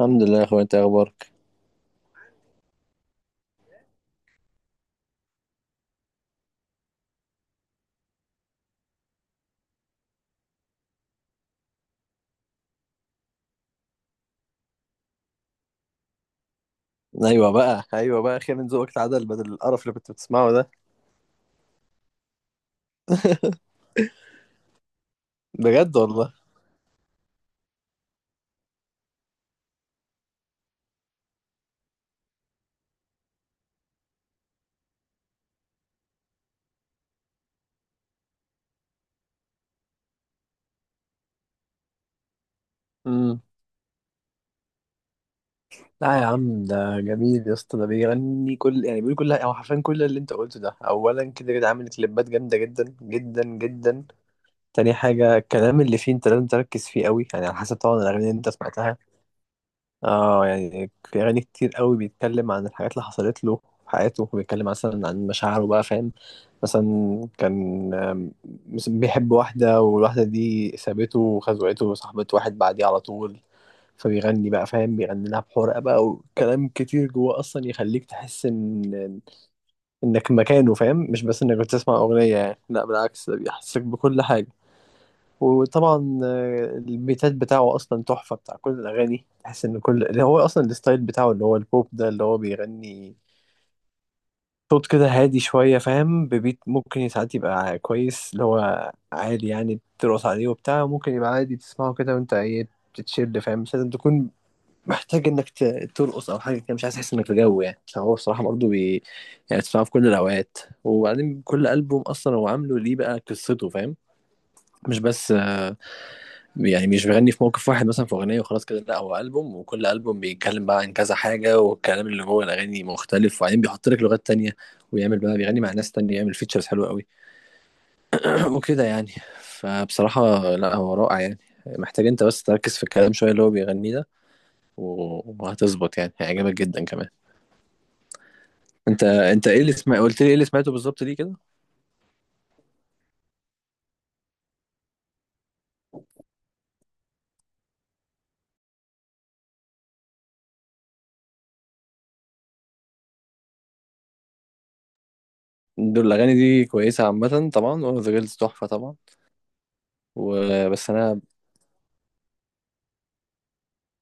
الحمد لله يا اخويا، انت إيه اخبارك؟ ايوه بقى اخيرا ذوقك اتعدل، بدل القرف اللي كنت بتسمعه ده. بجد والله. امم. لا يا عم، ده جميل يا اسطى. ده بيغني كل، يعني بيقول كل، او حرفيا كل اللي انت قلته ده. اولا كده كده عامل كليبات جامده جدا جدا جدا. تاني حاجه الكلام اللي فيه انت لازم تركز فيه قوي، يعني على حسب طبعا الاغاني اللي انت سمعتها. اه يعني في اغاني كتير قوي بيتكلم عن الحاجات اللي حصلت له في حياته، وبيتكلم مثلا عن مشاعره بقى فاهم. مثلا كان مثلا بيحب واحدة، والواحدة دي سابته وخزوقته وصاحبت واحد بعديه على طول. فبيغني بقى فاهم، بيغني لها بحرقة بقى، وكلام كتير جوه اصلا يخليك تحس ان انك مكانه فاهم، مش بس انك بتسمع اغنية يعني، لا بالعكس ده بيحسسك بكل حاجة. وطبعا البيتات بتاعه اصلا تحفه بتاع كل الاغاني. تحس ان كل اللي هو اصلا الستايل بتاعه اللي هو البوب ده اللي هو بيغني صوت كده هادي شويه فاهم. ببيت ممكن ساعات يبقى كويس اللي هو عالي، يعني ترقص عليه وبتاع، ممكن يبقى عادي تسمعه كده وانت ايه بتتشيل فاهم. مش لازم تكون محتاج انك ترقص او حاجه كده، مش عايز تحس انك في جو يعني. فهو بصراحه برضه يعني تسمعه في كل الاوقات. وبعدين كل البوم اصلا هو عامله ليه بقى قصته فاهم. مش بس يعني مش بيغني في موقف واحد مثلا في اغنيه وخلاص كده، لا هو البوم، وكل البوم بيتكلم بقى عن كذا حاجه، والكلام اللي جوه الاغاني مختلف. وبعدين بيحط لك لغات تانية، ويعمل بقى بيغني مع ناس تانية، يعمل فيتشرز حلوه قوي وكده يعني. فبصراحه لا هو رائع يعني. محتاج انت بس تركز في الكلام شويه اللي هو بيغنيه ده وهتظبط يعني، هيعجبك جدا كمان. انت ايه اللي سمع، قلت لي ايه اللي سمعته بالظبط ليه كده؟ دول الاغاني دي كويسه عامه طبعا، وذا جيرلز تحفه طبعا. وبس انا.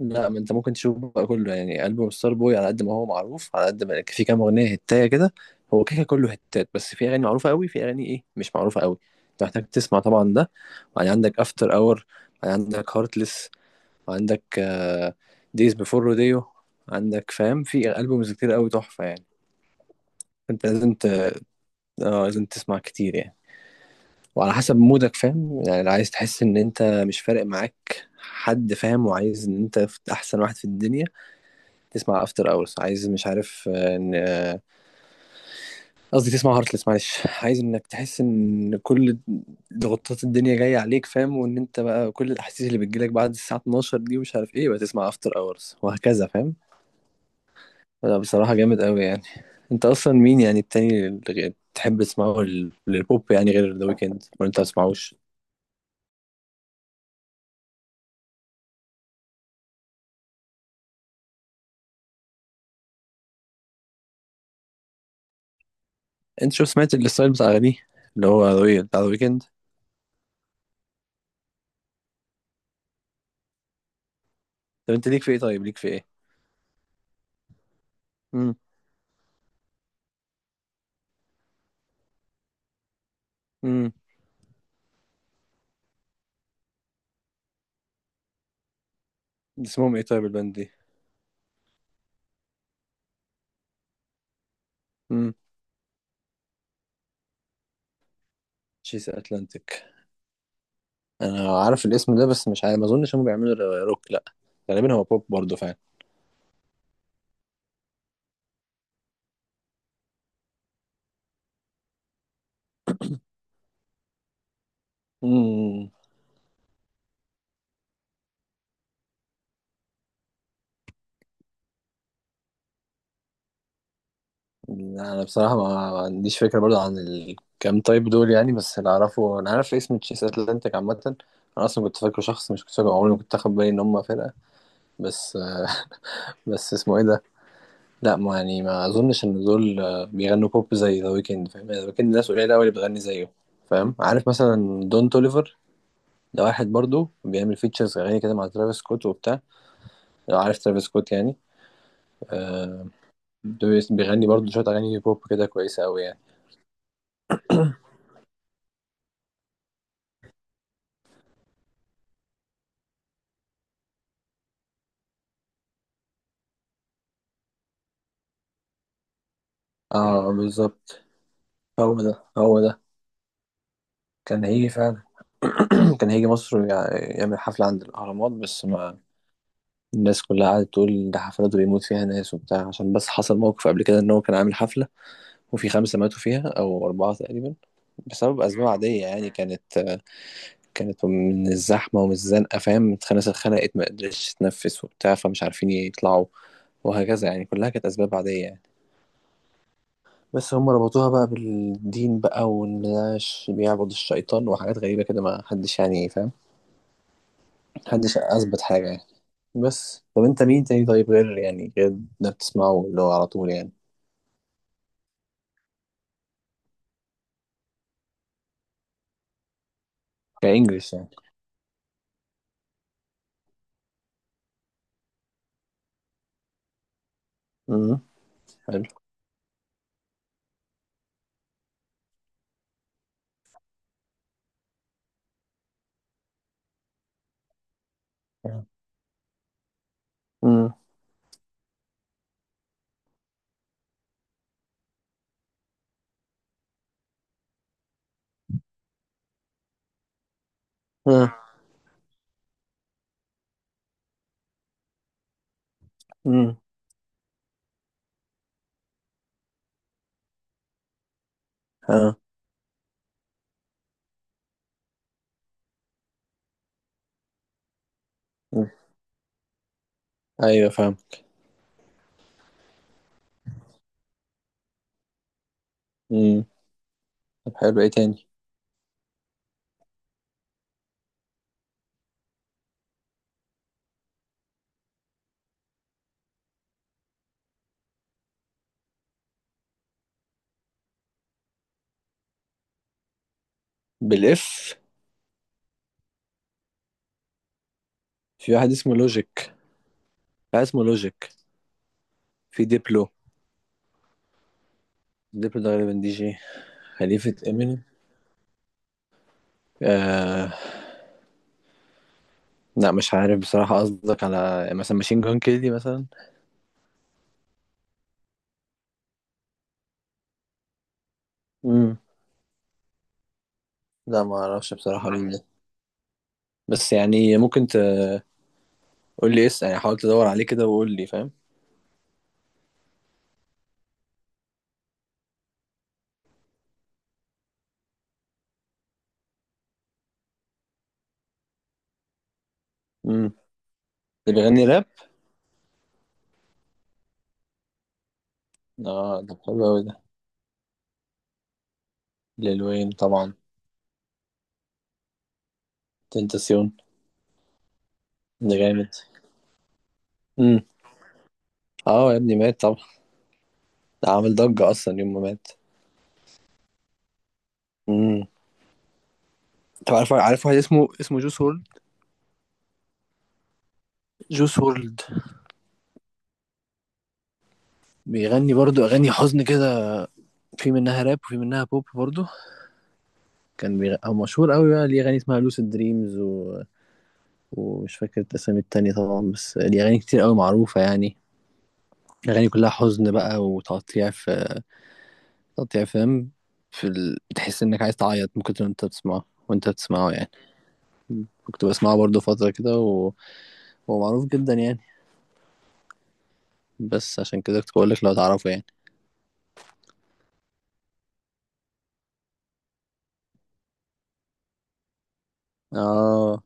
لا، ما انت ممكن تشوف بقى كله يعني. ألبوم ستار بوي على قد ما هو معروف، على قد ما في كام أغنية هتاية كده. هو كده كده كله هتات، بس في أغاني معروفة قوي، في أغاني إيه مش معروفة قوي. انت محتاج تسمع طبعا ده. وبعدين عندك أفتر أور، عندك هارتلس، وعندك دايز بيفور روديو، عندك فاهم في ألبومز كتير قوي تحفة يعني. انت لازم ت... اه لازم تسمع كتير يعني. وعلى حسب مودك فاهم، يعني لو عايز تحس ان انت مش فارق معاك حد فاهم، وعايز ان انت احسن واحد في الدنيا، تسمع افتر اورز. عايز مش عارف آه، ان آه، قصدي تسمع هارتلس معلش عايز انك تحس ان كل ضغوطات الدنيا جايه عليك فاهم، وان انت بقى كل الاحاسيس اللي بتجيلك بعد الساعه 12 دي ومش عارف ايه، بتسمع افتر اورز وهكذا فاهم. لا بصراحه جامد قوي يعني. انت اصلا مين يعني التاني اللي تحب تسمعه للبوب يعني، غير ذا ويكند، ولا انت ما تسمعوش؟ انت شو سمعت الستايل بتاع اغانيه اللي هو The Weeknd، بتاع ذا ويكند. طب انت ليك في ايه؟ طيب ليك في ايه؟ امم. امم. اسمهم ايه طيب الباند دي؟ امم. تشيس اتلانتيك؟ انا عارف الاسم ده بس مش عارف، ما اظنش هم بيعملوا روك، لا. غالبا هو بوب برضه فعلا. امم. انا بصراحه ما عنديش فكره برضه عن الكام تايب دول يعني، بس اللي اعرفه انا عارف اسم تشيس اتلانتيك عامه. انا اصلا كنت فاكره شخص، مش كنت فاكره، عمري ما كنت اخد بالي ان هم فرقه. بس. بس اسمه ايه ده؟ لا ما يعني، ما اظنش ان دول بيغنوا بوب زي ذا ويكند فاهم. ذا ويكند ناس قليله قوي اللي بتغني زيه فاهم. عارف مثلا دون توليفر؟ ده واحد برضه بيعمل فيتشرز اغاني كده مع ترافيس سكوت وبتاع. لو عارف ترافيس سكوت يعني. آه، ده بيغني برضه شوية أغاني بوب كده كويسة أوي يعني. اه بالظبط. هو ده هو ده. كان هيجي فعلا كان هيجي مصر يعمل حفلة عند الأهرامات، بس ما. الناس كلها قعدت تقول ده حفلات بيموت فيها ناس وبتاع، عشان بس حصل موقف قبل كده إن هو كان عامل حفلة وفي خمسة ماتوا فيها أو أربعة تقريبا، بسبب أسباب عادية يعني. كانت من الزحمة ومن الزنقة فاهم، الناس اتخنقت، ما قدرتش تتنفس وبتاع، فمش عارفين يطلعوا، وهكذا يعني، كلها كانت أسباب عادية يعني. بس هم ربطوها بقى بالدين بقى، وان ده بيعبد الشيطان وحاجات غريبة كده، ما حدش يعني فاهم. محدش أثبت حاجة يعني. بس طب انت مين تاني طيب غير، يعني غير ده بتسمعه اللي هو على طول يعني؟ كإنجلش يعني. امم. حلو. امم. ها. امم. ها. مم. ايوه فاهم. امم. طب حلو ايه تاني؟ بالاف؟ في واحد اسمه لوجيك. في ديبلو. ديبلو ده غالبا دي جي. خليفة امينيم؟ لا مش عارف بصراحة. قصدك على مثلا ماشين جون كيلي مثلا؟ امم. لا ما اعرفش بصراحة مين ده. بس يعني ممكن تقول لي اسم يعني، حاول تدور عليه كده وقول لي فاهم. امم. اللي بيغني راب؟ اه ده حلو قوي ده. ليل وين طبعا. تنتاسيون. ده جامد. امم. اه يا ابني مات طبعا. ده عامل ضجة اصلا يوم ما مات. امم. طب عارف، واحد اسمه جوس وورلد؟ جوس وورلد. بيغني برضو اغاني حزن كده، في منها راب وفي منها بوب برضو. هو مشهور قوي بقى ليه اغاني اسمها لوسيد دريمز، و ومش فاكر الاسامي التانية طبعا، بس دي أغاني كتير أوي معروفة يعني. أغاني كلها حزن بقى وتقطيع، في تقطيع فاهم. في ال... تحس إنك عايز تعيط ممكن وأنت بتسمعه، وأنت بتسمعه يعني. كنت بسمعه برضه فترة كده و... هو معروف جدا يعني. بس عشان كده كنت بقولك لو تعرفه يعني. آه.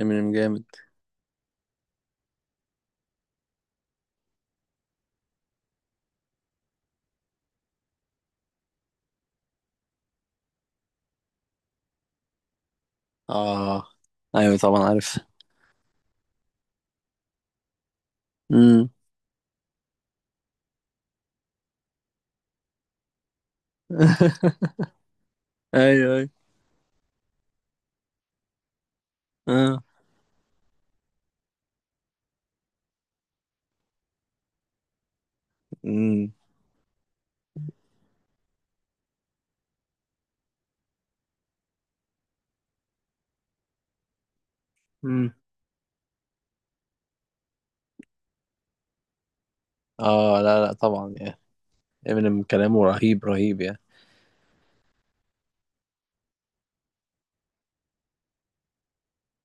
إمينيم جامد. آه أيوة طبعا عارف. امم. أيوة أيوة. آه. امم. امم. آه لا لا طبعا يعني. إمينيم كلامه رهيب رهيب يعني.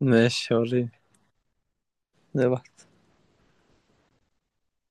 ماشي وريني. صباح.